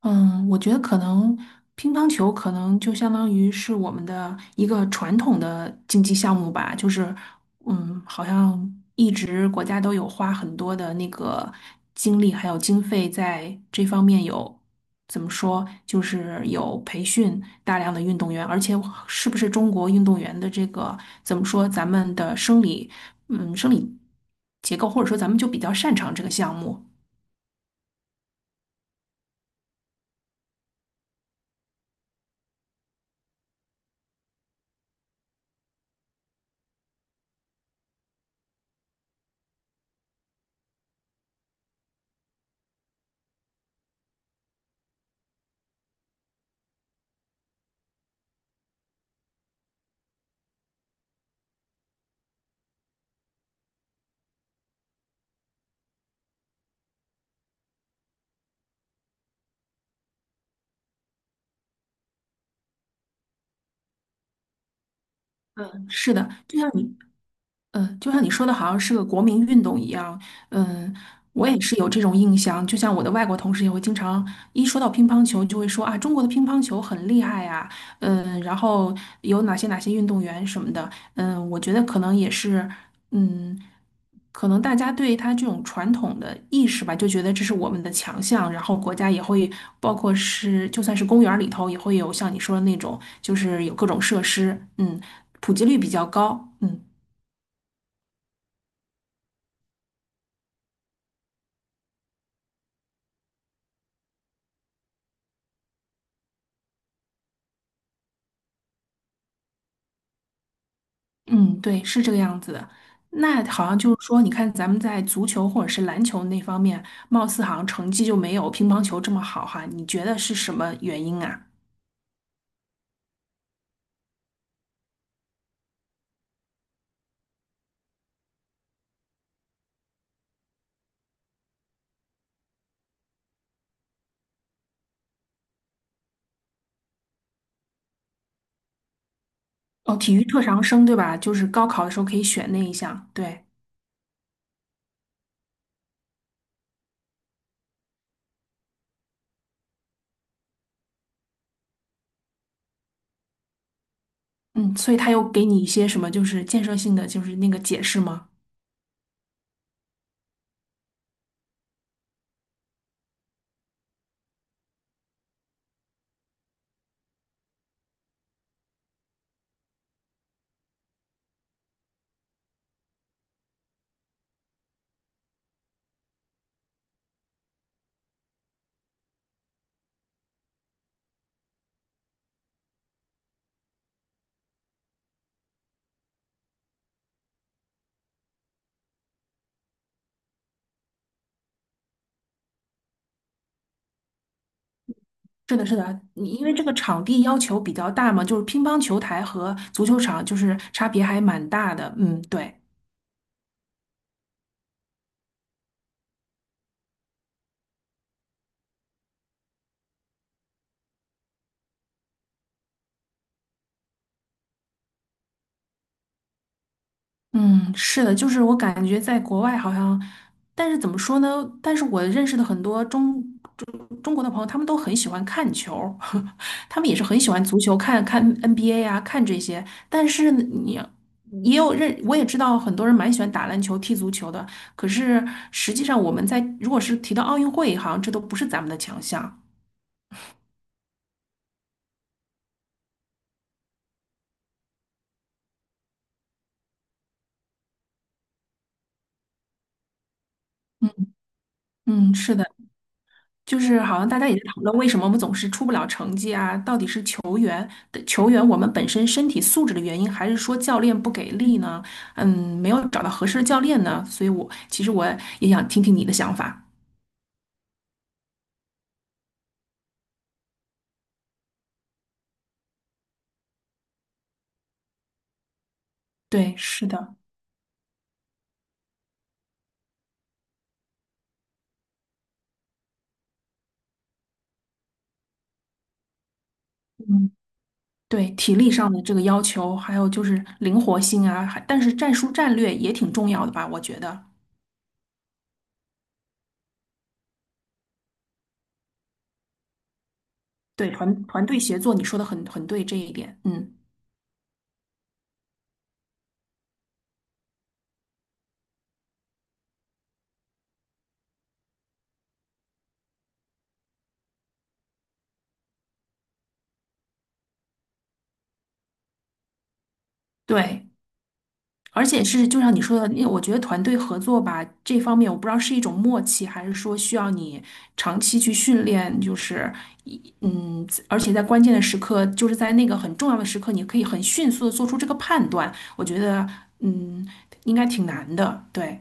嗯，我觉得可能乒乓球可能就相当于是我们的一个传统的竞技项目吧，好像一直国家都有花很多的那个精力还有经费在这方面有。怎么说，就是有培训大量的运动员，而且是不是中国运动员的这个怎么说，咱们的生理，生理结构，或者说咱们就比较擅长这个项目。嗯，是的，就像你说的，好像是个国民运动一样。嗯，我也是有这种印象。就像我的外国同事也会经常一说到乒乓球，就会说啊，中国的乒乓球很厉害呀、然后有哪些哪些运动员什么的。嗯，我觉得可能也是，嗯，可能大家对他这种传统的意识吧，就觉得这是我们的强项。然后国家也会，包括是就算是公园儿里头也会有像你说的那种，就是有各种设施，嗯，普及率比较高。嗯。嗯，对，是这个样子的。那好像就是说，你看咱们在足球或者是篮球那方面，貌似好像成绩就没有乒乓球这么好哈。你觉得是什么原因啊？哦，体育特长生对吧？就是高考的时候可以选那一项，对，嗯，所以他有给你一些什么就是建设性的就是那个解释吗？是的，是的，你因为这个场地要求比较大嘛，就是乒乓球台和足球场就是差别还蛮大的，嗯，对。嗯，是的，就是我感觉在国外好像，但是怎么说呢？但是我认识的很多中国的朋友，他们都很喜欢看球，他们也是很喜欢足球，看看 NBA 啊，看这些。但是你也有认，我也知道很多人蛮喜欢打篮球、踢足球的。可是实际上，我们在如果是提到奥运会，好像这都不是咱们的强项。嗯是的，就是好像大家也在讨论为什么我们总是出不了成绩啊，到底是球。的球员我们本身身体素质的原因，还是说教练不给力呢？嗯，没有找到合适的教练呢？所以我其实也想听听你的想法。对，是的，嗯，对，体力上的这个要求，还有就是灵活性啊，还但是战术战略也挺重要的吧？我觉得，对，团队协作，你说的很对这一点，嗯，对。而且是，就像你说的，因为我觉得团队合作吧，这方面我不知道是一种默契，还是说需要你长期去训练，就是一，嗯，而且在关键的时刻，就是在那个很重要的时刻，你可以很迅速的做出这个判断。我觉得，嗯，应该挺难的。对，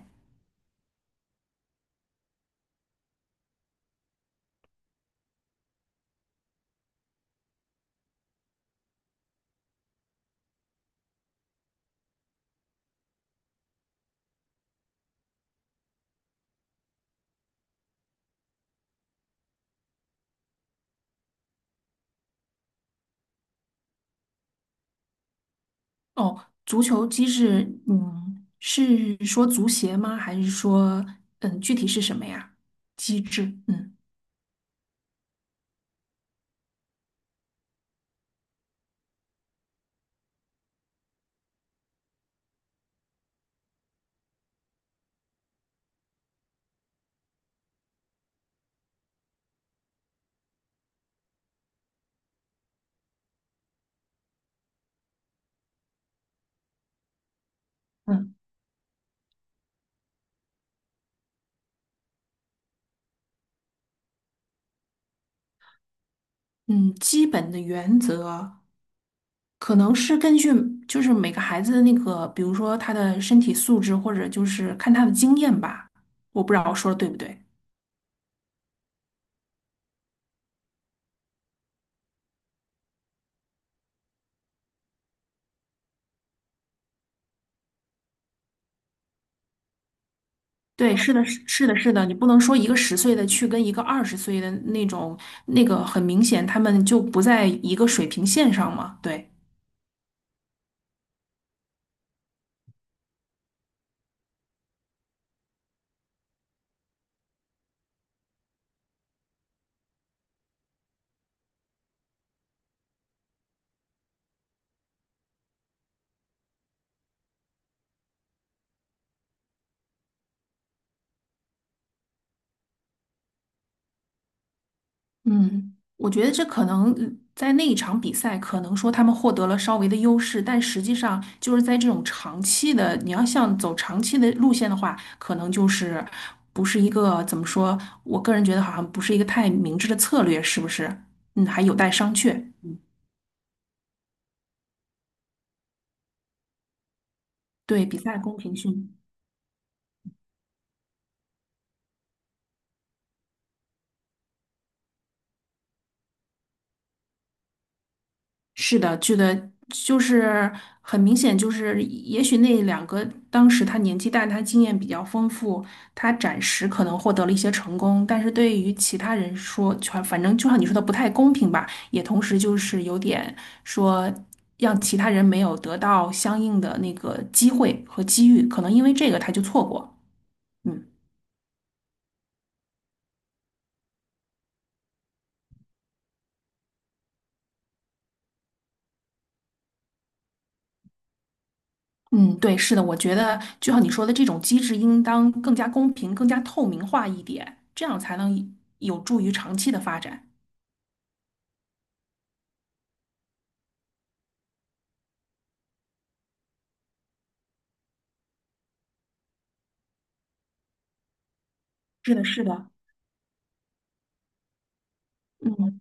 哦，足球机制，嗯，是说足协吗？还是说，嗯，具体是什么呀？机制，嗯嗯，基本的原则。可能是根据就是每个孩子的那个，比如说他的身体素质，或者就是看他的经验吧。我不知道我说的对不对。对，是的，是的，是的，你不能说一个十岁的去跟一个二十岁的那种，那个很明显他们就不在一个水平线上嘛。对。嗯，我觉得这可能在那一场比赛，可能说他们获得了稍微的优势，但实际上就是在这种长期的，你要像走长期的路线的话，可能就是不是一个怎么说，我个人觉得好像不是一个太明智的策略，是不是？嗯，还有待商榷。对，比赛公平性。是的，觉得就是很明显，就是也许那两个当时他年纪大，他经验比较丰富，他暂时可能获得了一些成功，但是对于其他人说，全反正就像你说的不太公平吧，也同时就是有点说让其他人没有得到相应的那个机会和机遇，可能因为这个他就错过，嗯。嗯，对，是的，我觉得就像你说的，这种机制应当更加公平、更加透明化一点，这样才能有助于长期的发展。是的，是的，嗯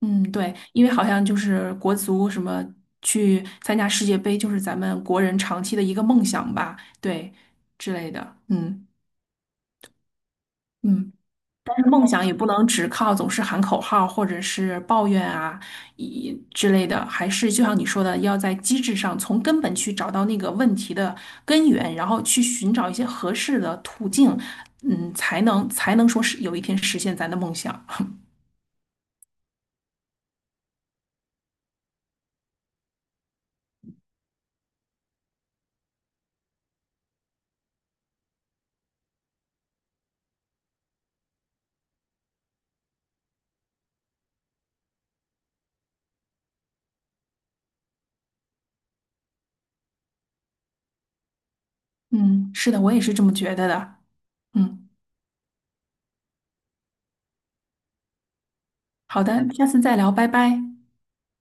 嗯，对，因为好像就是国足什么去参加世界杯，就是咱们国人长期的一个梦想吧，对之类的，嗯。但是梦想也不能只靠总是喊口号或者是抱怨啊，以之类的，还是就像你说的，要在机制上从根本去找到那个问题的根源，然后去寻找一些合适的途径，嗯，才能说是有一天实现咱的梦想。嗯，是的，我也是这么觉得的。嗯，好的，下次再聊，拜拜。